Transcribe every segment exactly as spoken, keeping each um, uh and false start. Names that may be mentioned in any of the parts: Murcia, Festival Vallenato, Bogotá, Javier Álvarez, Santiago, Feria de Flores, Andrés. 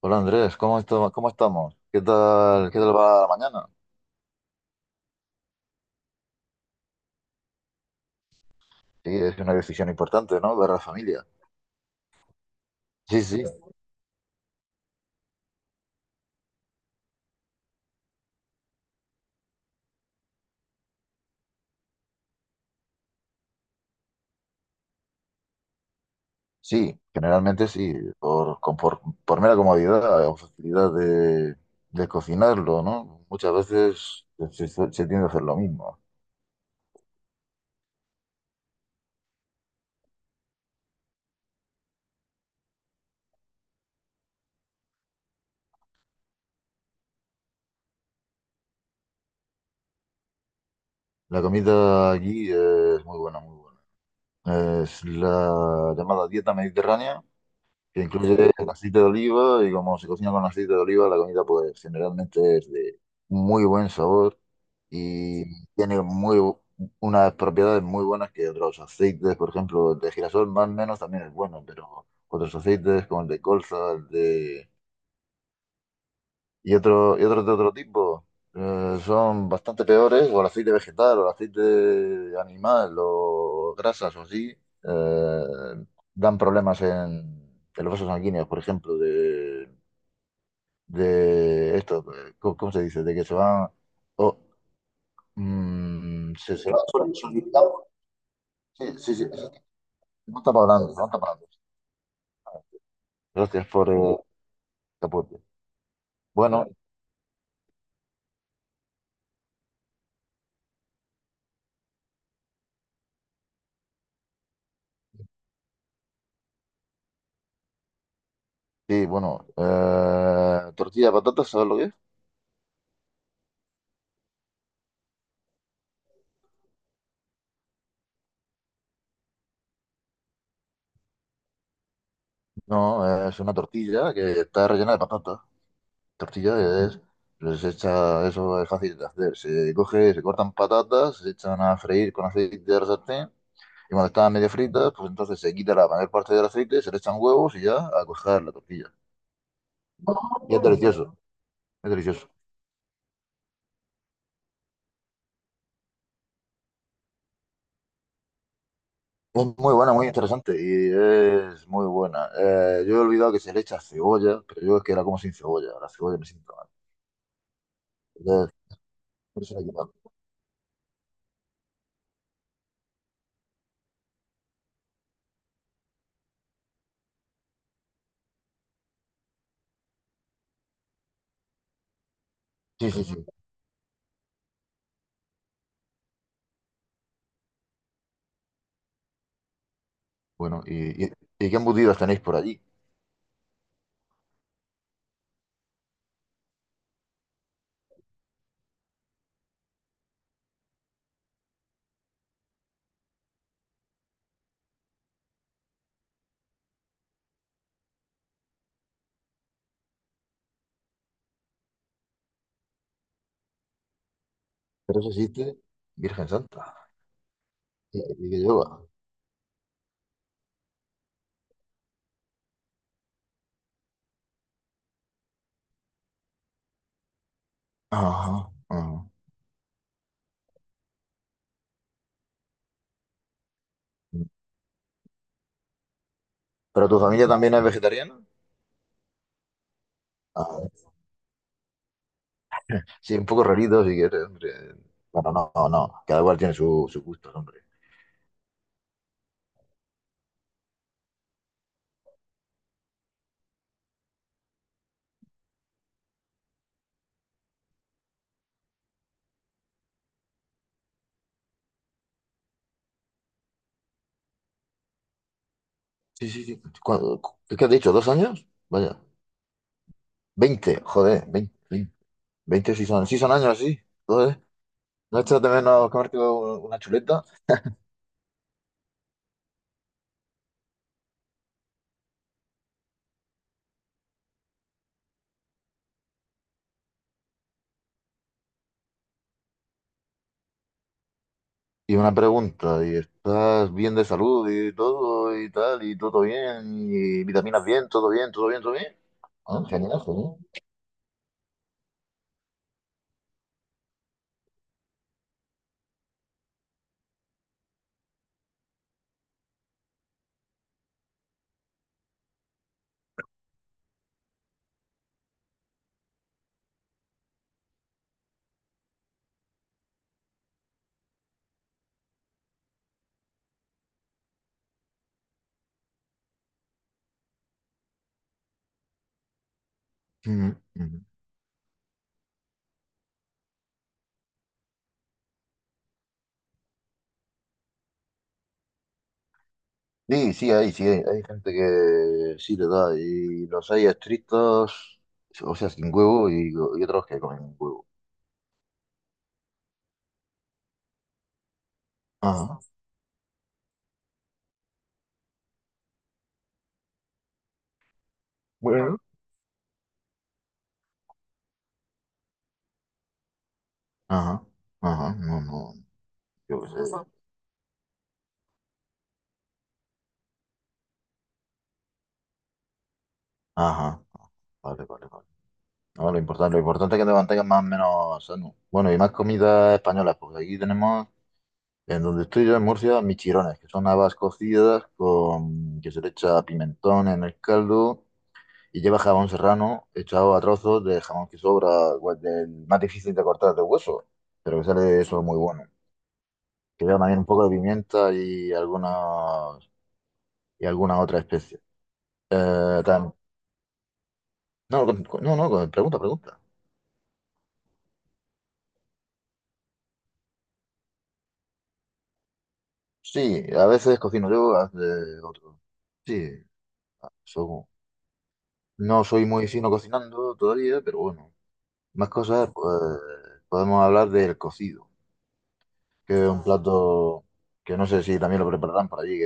Hola Andrés, ¿cómo, esto- cómo estamos? ¿Qué tal, qué tal va la mañana? Sí, es una decisión importante, ¿no? Para la familia. Sí, sí, sí, generalmente sí, por, con- por, por mera comodidad o facilidad de, de cocinarlo, ¿no? Muchas veces se, se- se tiende a hacer lo mismo. La comida allí es muy buena, muy buena. Es la llamada dieta mediterránea, que incluye aceite de oliva y como se cocina con aceite de oliva, la comida pues generalmente es de muy buen sabor y tiene muy bu- unas propiedades muy buenas que otros aceites, por ejemplo, el de girasol más o menos también es bueno, pero otros aceites como el de colza, el de y otros y otros de otro tipo. Eh, son bastante peores, o el aceite vegetal, o el aceite animal, o grasas o así, eh, dan problemas en, en los vasos sanguíneos, por ejemplo, de, de esto, eh, ¿cómo, cómo se dice? De que se van... o, mm, se, se va sol- solidificando. Sí, sí, sí. eso está- No está hablando, no está hablando. Gracias por el aporte. Bueno, sí, bueno. Eh, tortilla de patatas, ¿sabes lo que es? No, es una tortilla que está rellena de patata. Tortilla es, pues se echa, eso es fácil de hacer. Se coge, se cortan patatas, se echan a freír con aceite de la sartén y cuando están medio fritas, pues entonces se quita la mayor parte del aceite, se le echan huevos y ya a coger la tortilla. Y es delicioso, es delicioso. Es muy buena, muy interesante y es muy buena. Eh, yo he olvidado que se le echa cebolla, pero yo es que la como sin cebolla. La cebolla me siento mal. Entonces, por eso la he quitado. Sí, sí, sí. Bueno, ¿y, y, y qué embutidos tenéis por allí? Pero eso existe, Virgen Santa. Y, y que lleva. Ajá, ajá. ¿Pero tu familia también es vegetariana? Ah, sí, un poco rarito si quieres, hombre. Bueno, no, no, no. Cada cual tiene su, su gusto, hombre. Sí, sí, sí. ¿Cuándo- cu- ¿Qué, has dicho? ¿Dos años? Vaya. Veinte, joder, veinte. Veinte sí son, sí son años, sí. Joder. ¿No echas de menos comerte u- una chuleta? Y una pregunta, ¿y estás bien de salud y todo y tal? ¿Y todo bien? ¿Y vitaminas bien? ¿Todo bien? ¿Todo bien? ¿Todo bien? Ah, genial, genial. Ujú, ujú. Sí, sí, hay, sí, hay, hay gente que sí le da, y los hay estrictos, o sea, sin huevo, y, y otros que comen huevo. Ajá, bueno. Ajá, ajá, no, no, yo qué sé. Ajá, vale, vale, vale. No, lo importante, lo importante es que te mantengas más o menos sano. Bueno, y más comidas españolas, porque aquí tenemos, en donde estoy yo en Murcia, michirones, que son habas cocidas con, que se le echa pimentón en el caldo. Y lleva jamón serrano echado a trozos de jamón que sobra, pues, del más difícil de cortar de hueso, pero que sale eso muy bueno. Que lleva también un poco de pimienta y alguna, y alguna otra especie. Eh, tam- no, con- con- no, no, con- pregunta, pregunta. Sí, a veces cocino yo, a veces otro. Sí, so- no soy muy fino cocinando todavía, pero bueno, más cosas, pues podemos hablar del cocido. Que es un plato que no sé si también lo prepararán por allí, que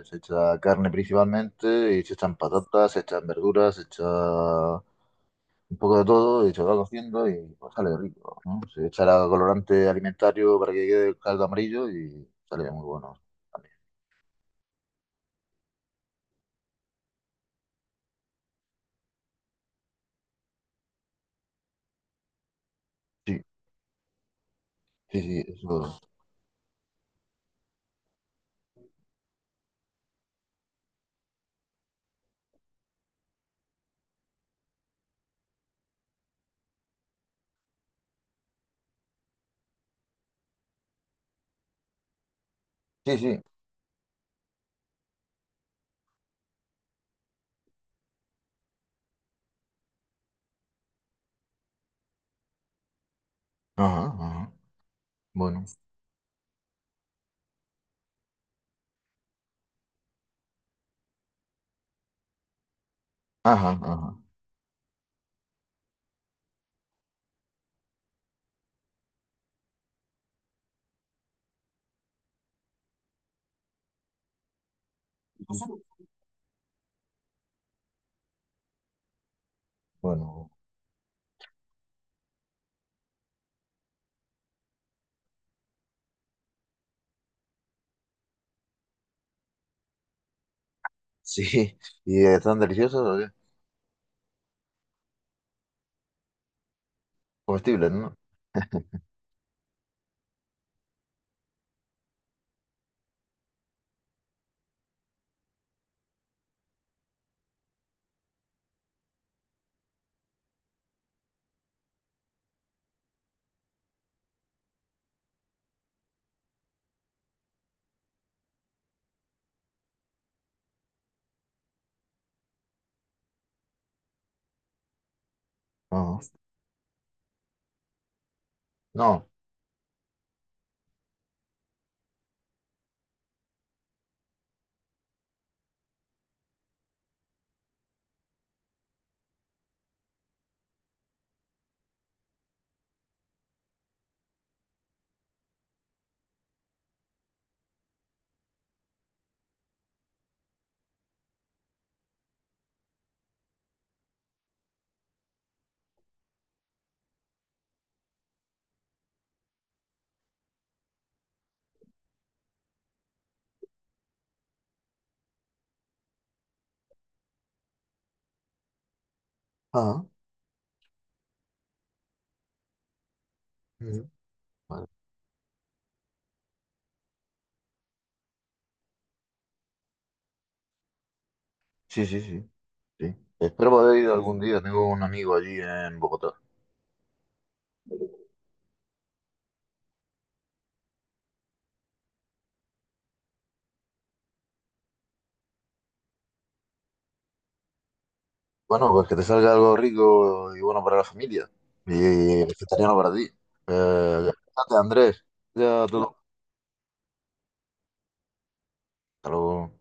es- se echa carne principalmente y se echan patatas, se echan verduras, se echa un poco de todo y se va cociendo y pues, sale rico, ¿no? Se echará colorante alimentario para que quede el caldo amarillo y sale muy bueno también. Sí, sí, sí, eso. Sí, sí. Ajá, ajá. Bueno. Ajá, ajá. Bueno. Sí. ¿Y están deliciosos o qué? Comestibles, ¿no? Ajá. No. Ajá. Ujú. Vale. Sí, sí, sí. Sí. Espero poder ir algún día. Tengo un amigo allí en Bogotá. Bueno, pues que te salga algo rico y bueno para la familia. Y vegetariano para ti. Eh, gracias, Andrés. Ya, tú. Hasta luego.